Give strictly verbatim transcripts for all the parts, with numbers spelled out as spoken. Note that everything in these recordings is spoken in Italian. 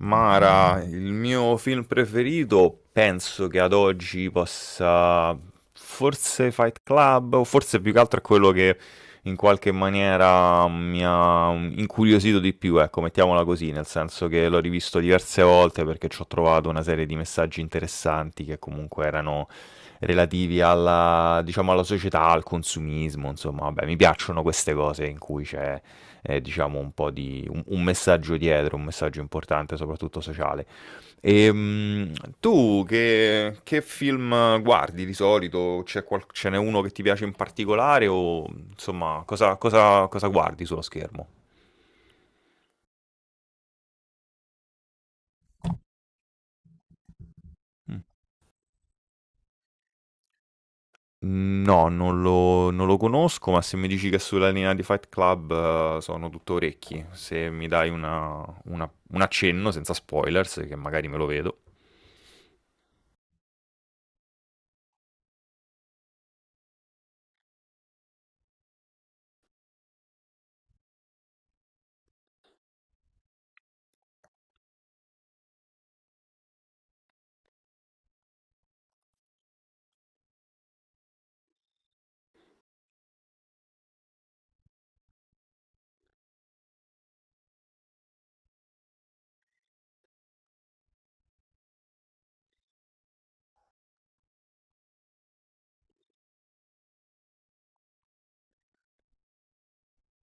Mara, il mio film preferito penso che ad oggi possa forse Fight Club, o forse più che altro è quello che in qualche maniera mi ha incuriosito di più, ecco, mettiamola così, nel senso che l'ho rivisto diverse volte perché ci ho trovato una serie di messaggi interessanti che comunque erano relativi alla, diciamo, alla società, al consumismo, insomma, vabbè, mi piacciono queste cose in cui c'è eh, diciamo, un po' di un, un messaggio dietro, un messaggio importante, soprattutto sociale. E, mh, tu che, che film guardi di solito? C'è qual- ce n'è uno che ti piace in particolare, o insomma, cosa, cosa- cosa guardi sullo schermo? Mm. No, non lo, non lo conosco, ma se mi dici che è sulla linea di Fight Club, eh, sono tutto orecchi. Se mi dai una- una- un accenno, senza spoilers, che magari me lo vedo.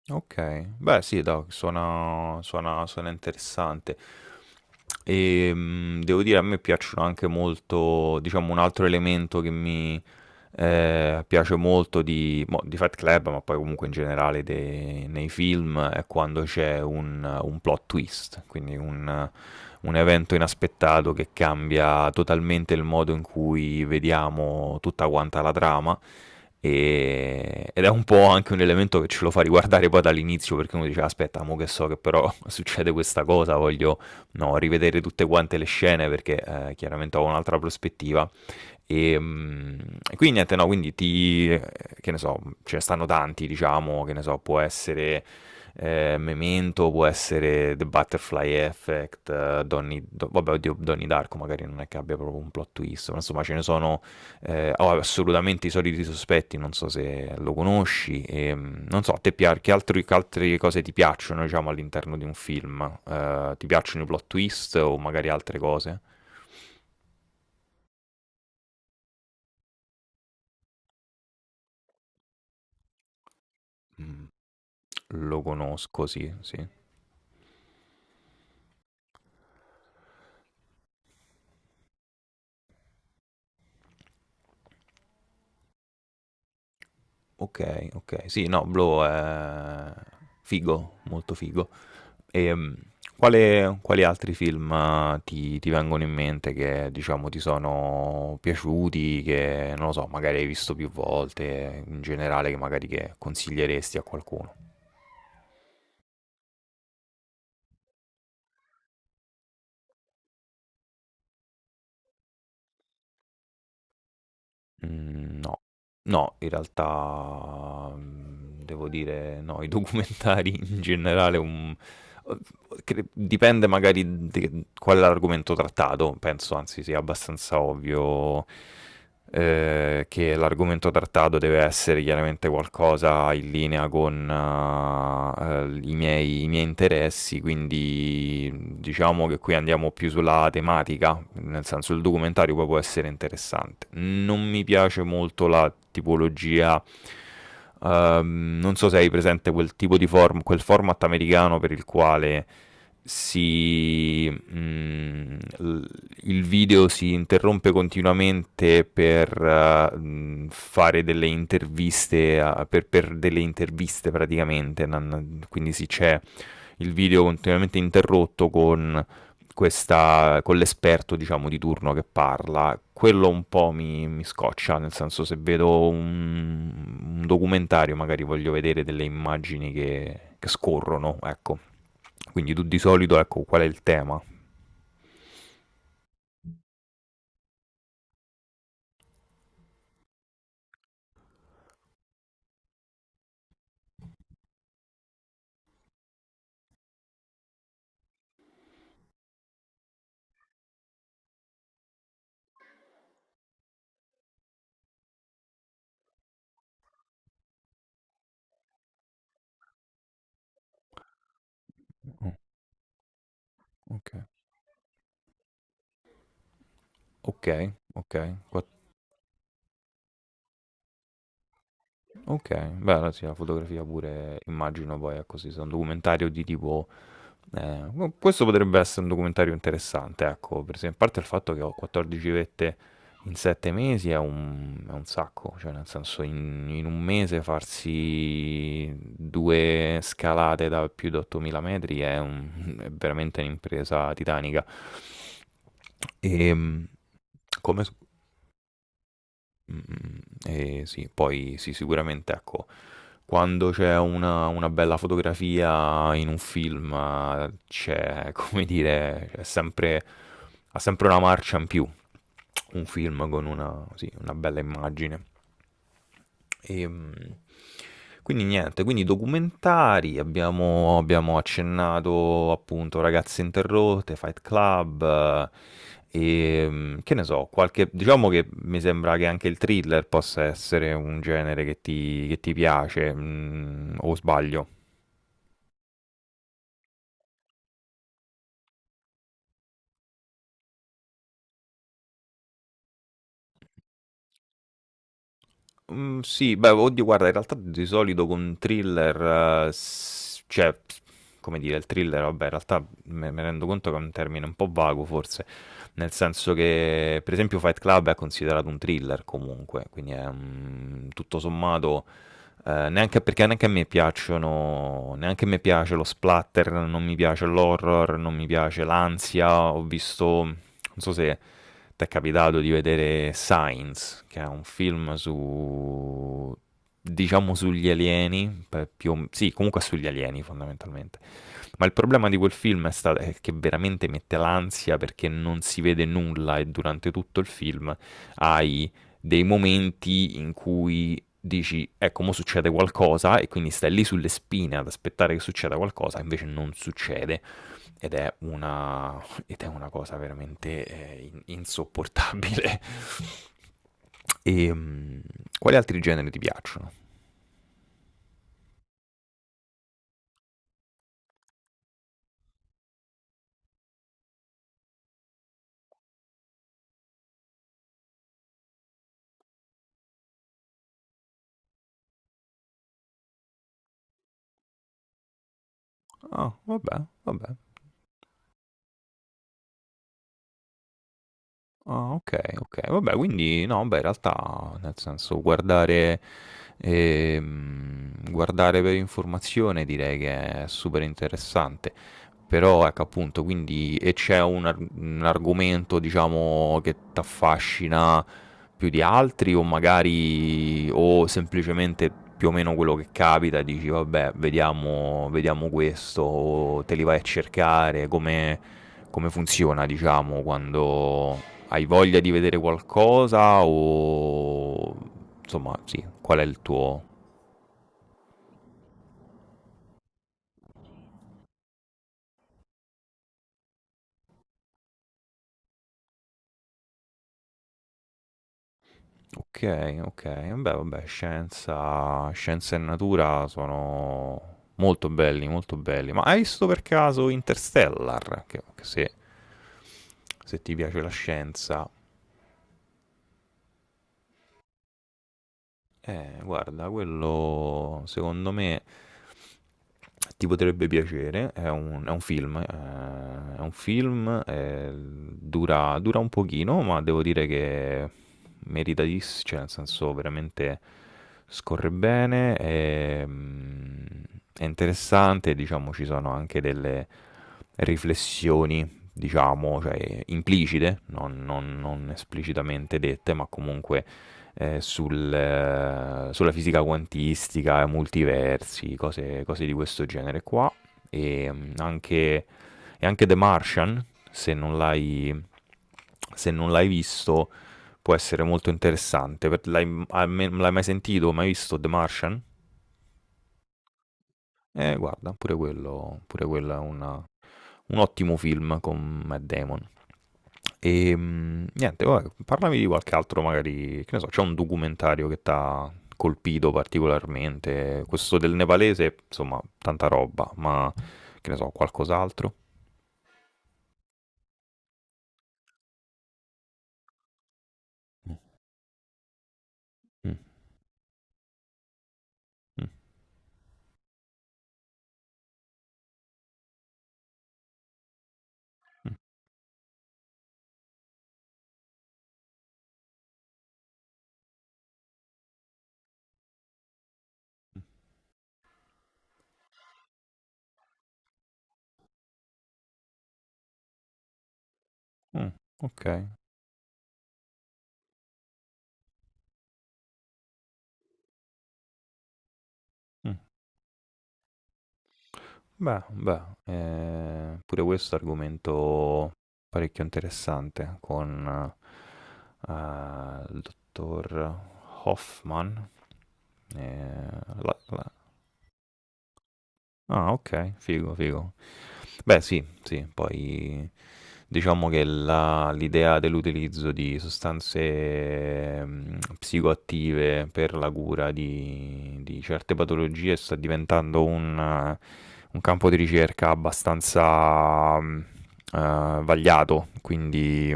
Okay. Beh sì, do suona suona suona interessante. E mm, devo dire, a me piacciono anche molto, diciamo, un altro elemento che mi eh, piace molto di, mo, di Fight Club, ma poi comunque in generale de- nei film, è quando c'è un, un plot twist, quindi un, un evento inaspettato che cambia totalmente il modo in cui vediamo tutta quanta la trama. E- Ed è un po' anche un elemento che ce lo fa riguardare poi dall'inizio, perché uno dice: aspetta, mo che so che però succede questa cosa, voglio, no, rivedere tutte quante le scene perché eh, chiaramente ho un'altra prospettiva e, mm, e quindi niente, no, quindi ti, eh, che ne so, ce ne stanno tanti, diciamo, che ne so, può essere eh, Memento, può essere The Butterfly Effect, eh, Donnie, Do- vabbè, oddio, Donnie Darko magari non è che abbia proprio un plot twist, ma insomma ce ne sono eh, oh, assolutamente, I Soliti Sospetti, non so se lo conosci, e, mm, non so, a te pia- che, altri- che altre cose ti piacciono, diciamo, all'interno di un film? Eh, ti piacciono i plot twist o magari altre cose? Mm, lo conosco, sì, sì. Ok, ok. Sì, no, Blow è figo, molto figo. E mm, quale- quali altri film, eh, ti, ti vengono in mente che, diciamo, ti sono piaciuti, che, non lo so, magari hai visto più volte, in generale, che magari che consiglieresti a qualcuno? Mhmm, no. No, in realtà, mhmm, devo dire no, i documentari in generale, un uhm, cre dipende magari de qual è l'argomento trattato, penso anzi sia abbastanza ovvio, eh, che l'argomento trattato deve essere chiaramente qualcosa in linea con eh, i miei, i miei interessi, quindi diciamo che qui andiamo più sulla tematica, nel senso il documentario poi può essere interessante. Non mi piace molto la tipologia. Ehm, non so se hai presente quel tipo di form, quel format americano per il quale si, mm, l- il video si interrompe continuamente per eh, mm, fare delle interviste, a- per, per delle interviste praticamente, non- quindi sì, c'è il video continuamente interrotto con questa, con l'esperto, diciamo, di turno che parla, quello un po' mi, mi scoccia, nel senso se vedo un, un documentario magari voglio vedere delle immagini che, che scorrono, ecco. Quindi tu di solito, ecco, qual è il tema? Oh, ok. Ok, ok, qua- ok, beh, allora sì, la fotografia pure immagino, poi, ecco, sì, se è un documentario di tipo. Eh, no, questo potrebbe essere un documentario interessante, ecco, per esempio, a parte il fatto che ho quattordici vette in sette mesi è un, è un sacco, cioè nel senso in, in un mese farsi due scalate da più di ottomila metri è, un- è veramente un'impresa titanica. E, mm, come... s- mm, e sì, poi sì, sicuramente ecco, quando c'è una, una bella fotografia in un film, eh, c'è, come dire, c'è sempre, ha sempre una marcia in più un film con una, sì, una bella immagine. E, mm, quindi niente, quindi documentari, abbiamo, abbiamo accennato appunto Ragazze Interrotte, Fight Club, eh, e mm, che ne so, qualche, diciamo che mi sembra che anche il thriller possa essere un genere che ti, che ti piace, mm, o sbaglio. Mm, sì, beh, oddio, guarda, in realtà di solito con thriller, eh, s- cioè, come dire, il thriller, vabbè, in realtà me, me rendo conto che è un termine un po' vago forse, nel senso che, per esempio, Fight Club è considerato un thriller comunque, quindi è, mm, tutto sommato, eh, neanche, perché neanche a me piacciono, neanche a me piace lo splatter, non mi piace l'horror, non mi piace l'ansia. Ho visto, non so se ti è capitato di vedere Signs, che è un film su, diciamo, sugli alieni, per più, sì, comunque sugli alieni fondamentalmente. Ma il problema di quel film è, stato, è che veramente mette l'ansia, perché non si vede nulla e durante tutto il film hai dei momenti in cui dici, ecco, mo succede qualcosa e quindi stai lì sulle spine ad aspettare che succeda qualcosa, invece non succede ed è una, ed è una cosa veramente eh, in- insopportabile. E, mm, quali altri generi ti piacciono? Ah, oh, vabbè, vabbè. Ah, okay, okay. Vabbè, quindi no, beh, in realtà, nel senso, guardare ehm, guardare per informazione direi che è super interessante. Però, ecco, appunto, quindi e c'è un ar un argomento, diciamo, che t'affascina più di altri, o magari o semplicemente più o meno quello che capita e dici: "Vabbè, vediamo vediamo questo", o te li vai a cercare, come come funziona, diciamo, quando hai voglia di vedere qualcosa o. Insomma, sì, qual è il tuo. Ok, ok, vabbè, vabbè, scienza, scienza e natura sono molto belli, molto belli. Ma hai visto per caso Interstellar? Che, che, se, se ti piace la scienza, eh, guarda, quello secondo me ti potrebbe piacere. È un, è un film, eh, è un film, eh, dura, dura un pochino, ma devo dire che meritatissimo, cioè nel senso veramente scorre bene, è, mm, è interessante, diciamo ci sono anche delle riflessioni, diciamo, cioè implicite, non, non- non esplicitamente dette, ma comunque eh, sul, eh, sulla fisica quantistica, multiversi, cose, cose di questo genere qua. E mm, anche, e anche The Martian, se non l'hai se non l'hai visto può essere molto interessante. Per- L'hai hai me- l'hai mai sentito, mai visto The Martian? Eh, guarda, pure quello, pure quello è una- un ottimo film con Matt Damon. E mm, niente, vabbè, parlami di qualche altro, magari, che ne so, c'è un documentario che ti ha colpito particolarmente. Questo del nepalese, insomma, tanta roba, ma che ne so, qualcos'altro? Mm, mm, mm, mm, mm, ok. Mm. Beh, beh, ehm, pure questo è un argomento parecchio interessante con, ehm, il dottor Hoffman. ehm, la- la- Ah, ok, figo, figo. Beh, sì, sì, poi Diciamo che la- l'idea dell'utilizzo di sostanze mm, psicoattive per la cura di, di certe patologie sta diventando un, eh, un campo di ricerca abbastanza mm, eh, vagliato, quindi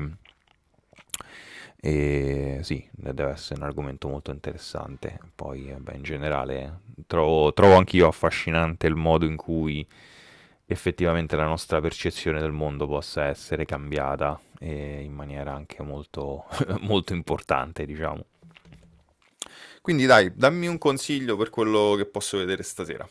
e sì, deve essere un argomento molto interessante. Poi, vabbè, in generale, eh, trovo, trovo anch'io affascinante il modo in cui effettivamente la nostra percezione del mondo possa essere cambiata eh, in maniera anche molto, molto importante, diciamo. Quindi dai, dammi un consiglio per quello che posso vedere stasera.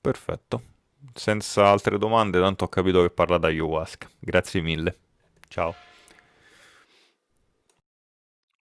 Perfetto. Senza altre domande, tanto ho capito che parla da ayahuasca. Grazie mille. Ciao.